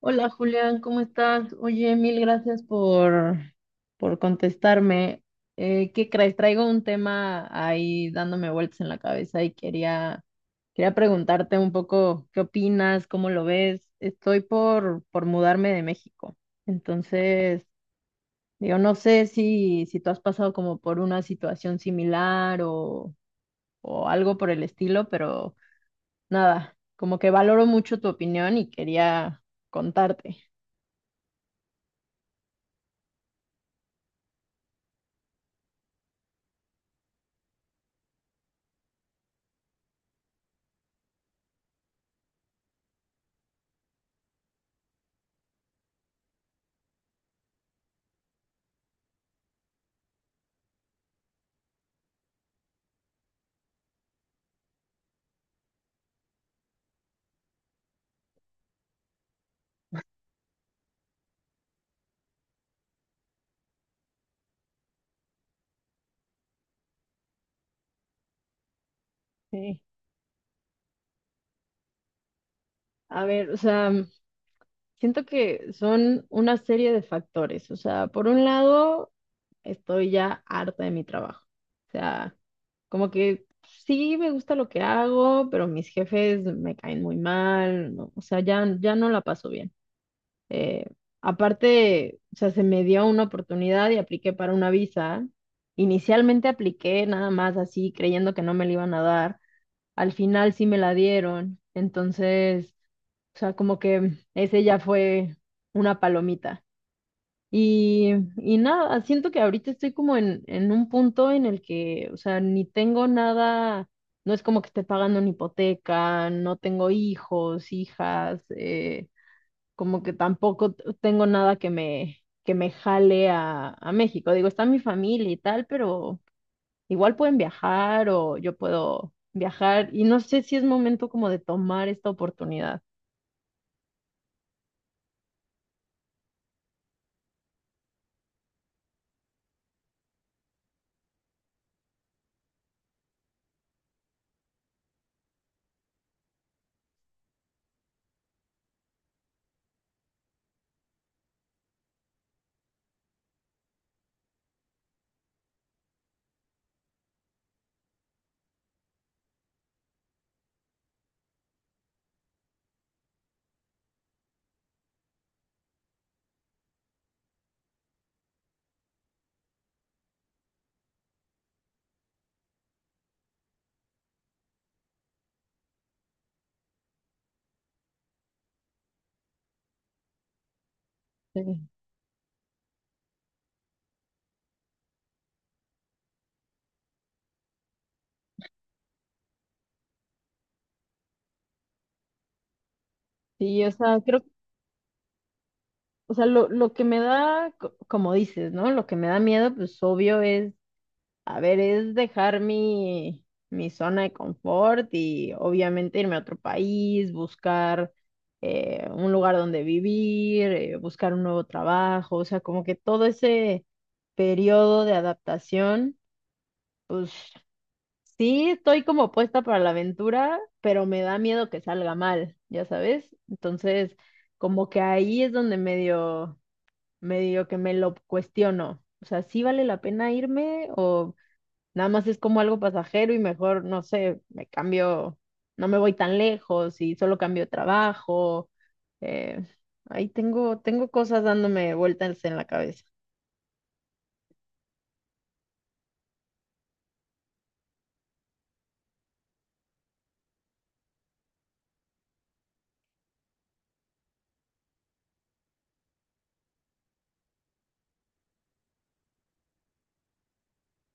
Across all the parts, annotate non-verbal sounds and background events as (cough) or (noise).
Hola Julián, ¿cómo estás? Oye, mil gracias por contestarme. ¿Qué crees? Traigo un tema ahí dándome vueltas en la cabeza y quería preguntarte un poco qué opinas, cómo lo ves. Estoy por mudarme de México. Entonces, digo, no sé si tú has pasado como por una situación similar o algo por el estilo, pero nada, como que valoro mucho tu opinión y quería contarte. Sí. A ver, o sea, siento que son una serie de factores. O sea, por un lado, estoy ya harta de mi trabajo. O sea, como que sí me gusta lo que hago, pero mis jefes me caen muy mal. O sea, ya no la paso bien. Eh, Aparte, o sea, se me dio una oportunidad y apliqué para una visa. Inicialmente apliqué nada más así, creyendo que no me la iban a dar. Al final sí me la dieron. Entonces, o sea, como que ese ya fue una palomita. Y, y nada, siento que ahorita estoy como en un punto en el que, o sea, ni tengo nada, no es como que esté pagando una hipoteca, no tengo hijos, hijas, como que tampoco tengo nada que que me jale a México. Digo, está mi familia y tal, pero igual pueden viajar o yo puedo viajar y no sé si es momento como de tomar esta oportunidad. Sí. Sí, o sea, o sea, lo que me da, como dices, ¿no? Lo que me da miedo, pues obvio es, a ver, es dejar mi zona de confort y obviamente irme a otro país, buscar un lugar donde vivir, buscar un nuevo trabajo, o sea, como que todo ese periodo de adaptación. Pues sí, estoy como puesta para la aventura, pero me da miedo que salga mal, ya sabes. Entonces, como que ahí es donde medio que me lo cuestiono. O sea, ¿sí vale la pena irme o nada más es como algo pasajero y mejor, no sé, me cambio, no me voy tan lejos y solo cambio de trabajo? Eh, Ahí tengo cosas dándome vueltas en la cabeza.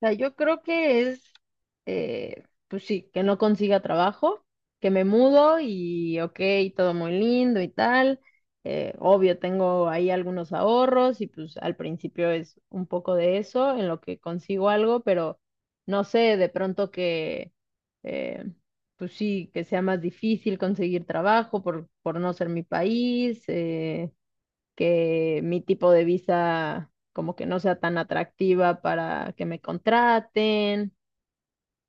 Sea, yo creo que es, pues sí, que no consiga trabajo, que me mudo y ok, todo muy lindo y tal. Obvio, tengo ahí algunos ahorros y pues al principio es un poco de eso, en lo que consigo algo, pero no sé, de pronto eh, pues sí, que sea más difícil conseguir trabajo por no ser mi país. Que mi tipo de visa como que no sea tan atractiva para que me contraten.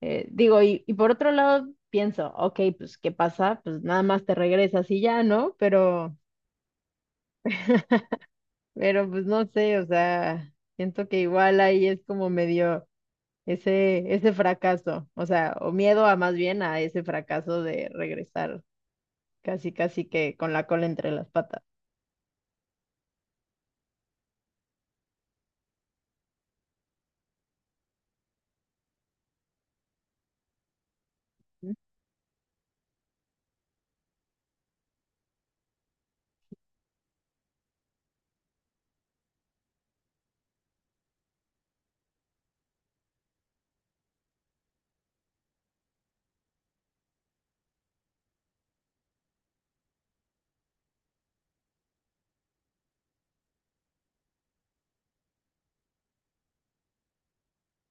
Digo, y por otro lado pienso, ok, pues ¿qué pasa? Pues nada más te regresas y ya, ¿no? Pero pues no sé, o sea, siento que igual ahí es como medio, ese fracaso, o sea, o miedo a más bien a ese fracaso de regresar casi que con la cola entre las patas.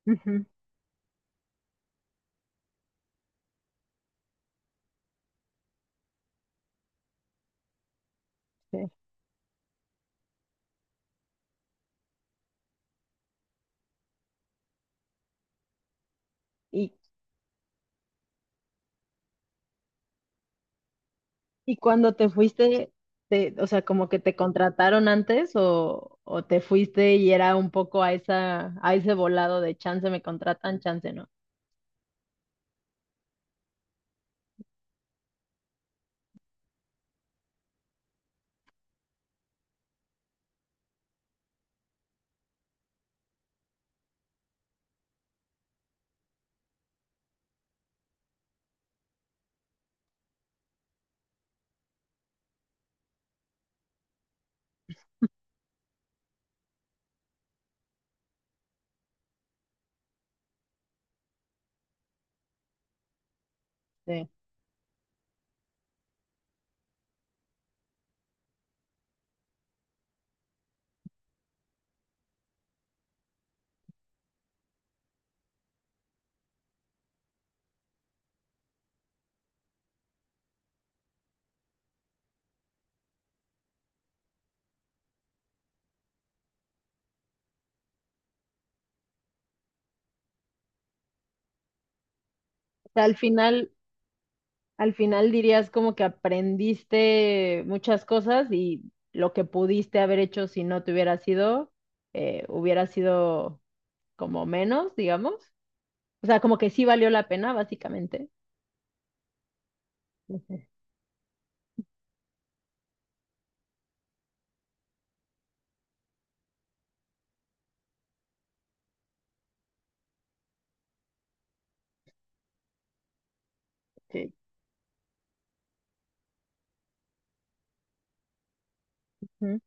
Ujú, sí. ¿Y y cuando te fuiste, o sea, como que te contrataron antes o te fuiste y era un poco a esa, a ese volado de chance me contratan, chance no. Sí. O sea, al final dirías como que aprendiste muchas cosas y lo que pudiste haber hecho si no te hubiera sido como menos, digamos. O sea, como que sí valió la pena, básicamente. Ujú. Sí. Ujú.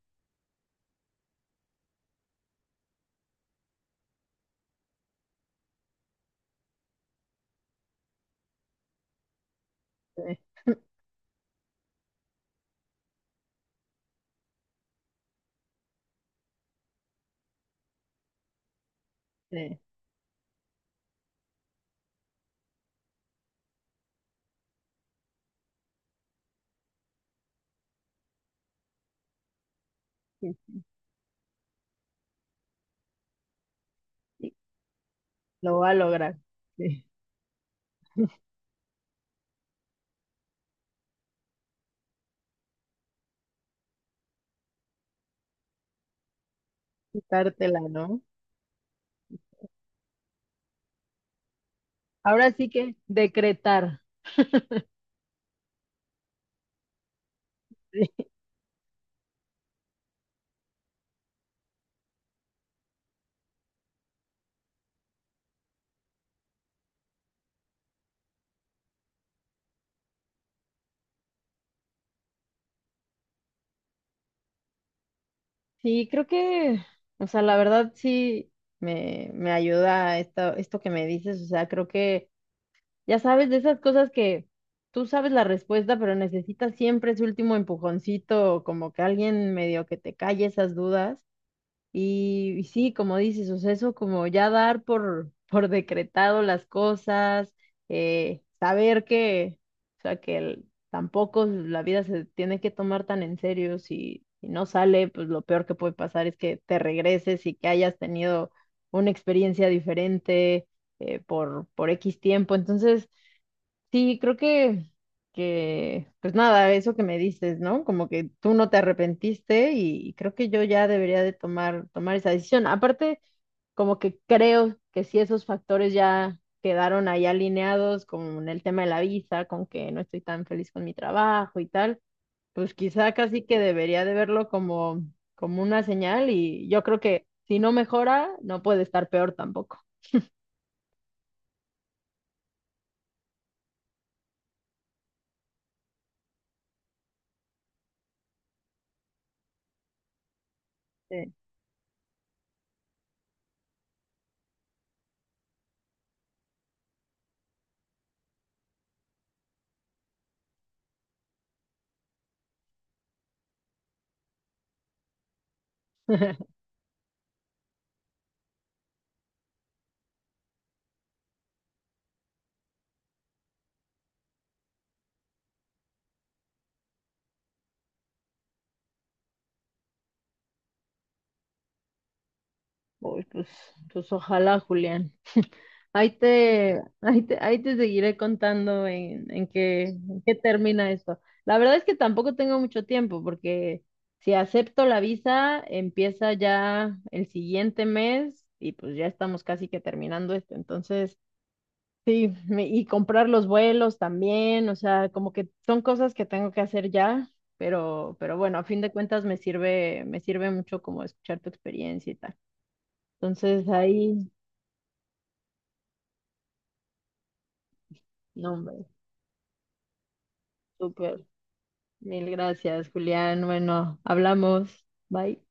Sí, sí, sí, sí, lo va a lograr. Sí. Quitártela, ¿no? Ahora sí que decretar. (laughs) Sí, creo que, o sea, la verdad sí me ayuda esto, esto que me dices, o sea, creo que, ya sabes, de esas cosas que tú sabes la respuesta, pero necesitas siempre ese último empujoncito, como que alguien medio que te calle esas dudas. Y sí, como dices, o sea, eso como ya dar por, (laughs) por decretado las cosas, saber que, o sea, tampoco la vida se tiene que tomar tan en serio. Si no sale, pues lo peor que puede pasar es que te regreses y que hayas tenido una experiencia diferente por X tiempo. Entonces, sí, creo que, pues nada, eso que me dices, ¿no? Como que tú no te arrepentiste y creo que yo ya debería de tomar esa decisión. Aparte, como que creo que sí esos factores ya quedaron ahí alineados con el tema de la visa, con que no estoy tan feliz con mi trabajo y tal, pues quizá casi que debería de verlo como, como una señal y yo creo que si no mejora, no puede estar peor tampoco. Sí. Uy, pues, pues ojalá, Julián. (laughs) Ahí te seguiré contando en qué termina esto. La verdad es que tampoco tengo mucho tiempo porque si acepto la visa, empieza ya el siguiente mes y pues ya estamos casi que terminando esto. Entonces, sí, y comprar los vuelos también, o sea, como que son cosas que tengo que hacer ya, pero bueno, a fin de cuentas me sirve mucho como escuchar tu experiencia y tal. Entonces ahí, no, hombre, súper. Mil gracias, Julián. Bueno, hablamos. Bye.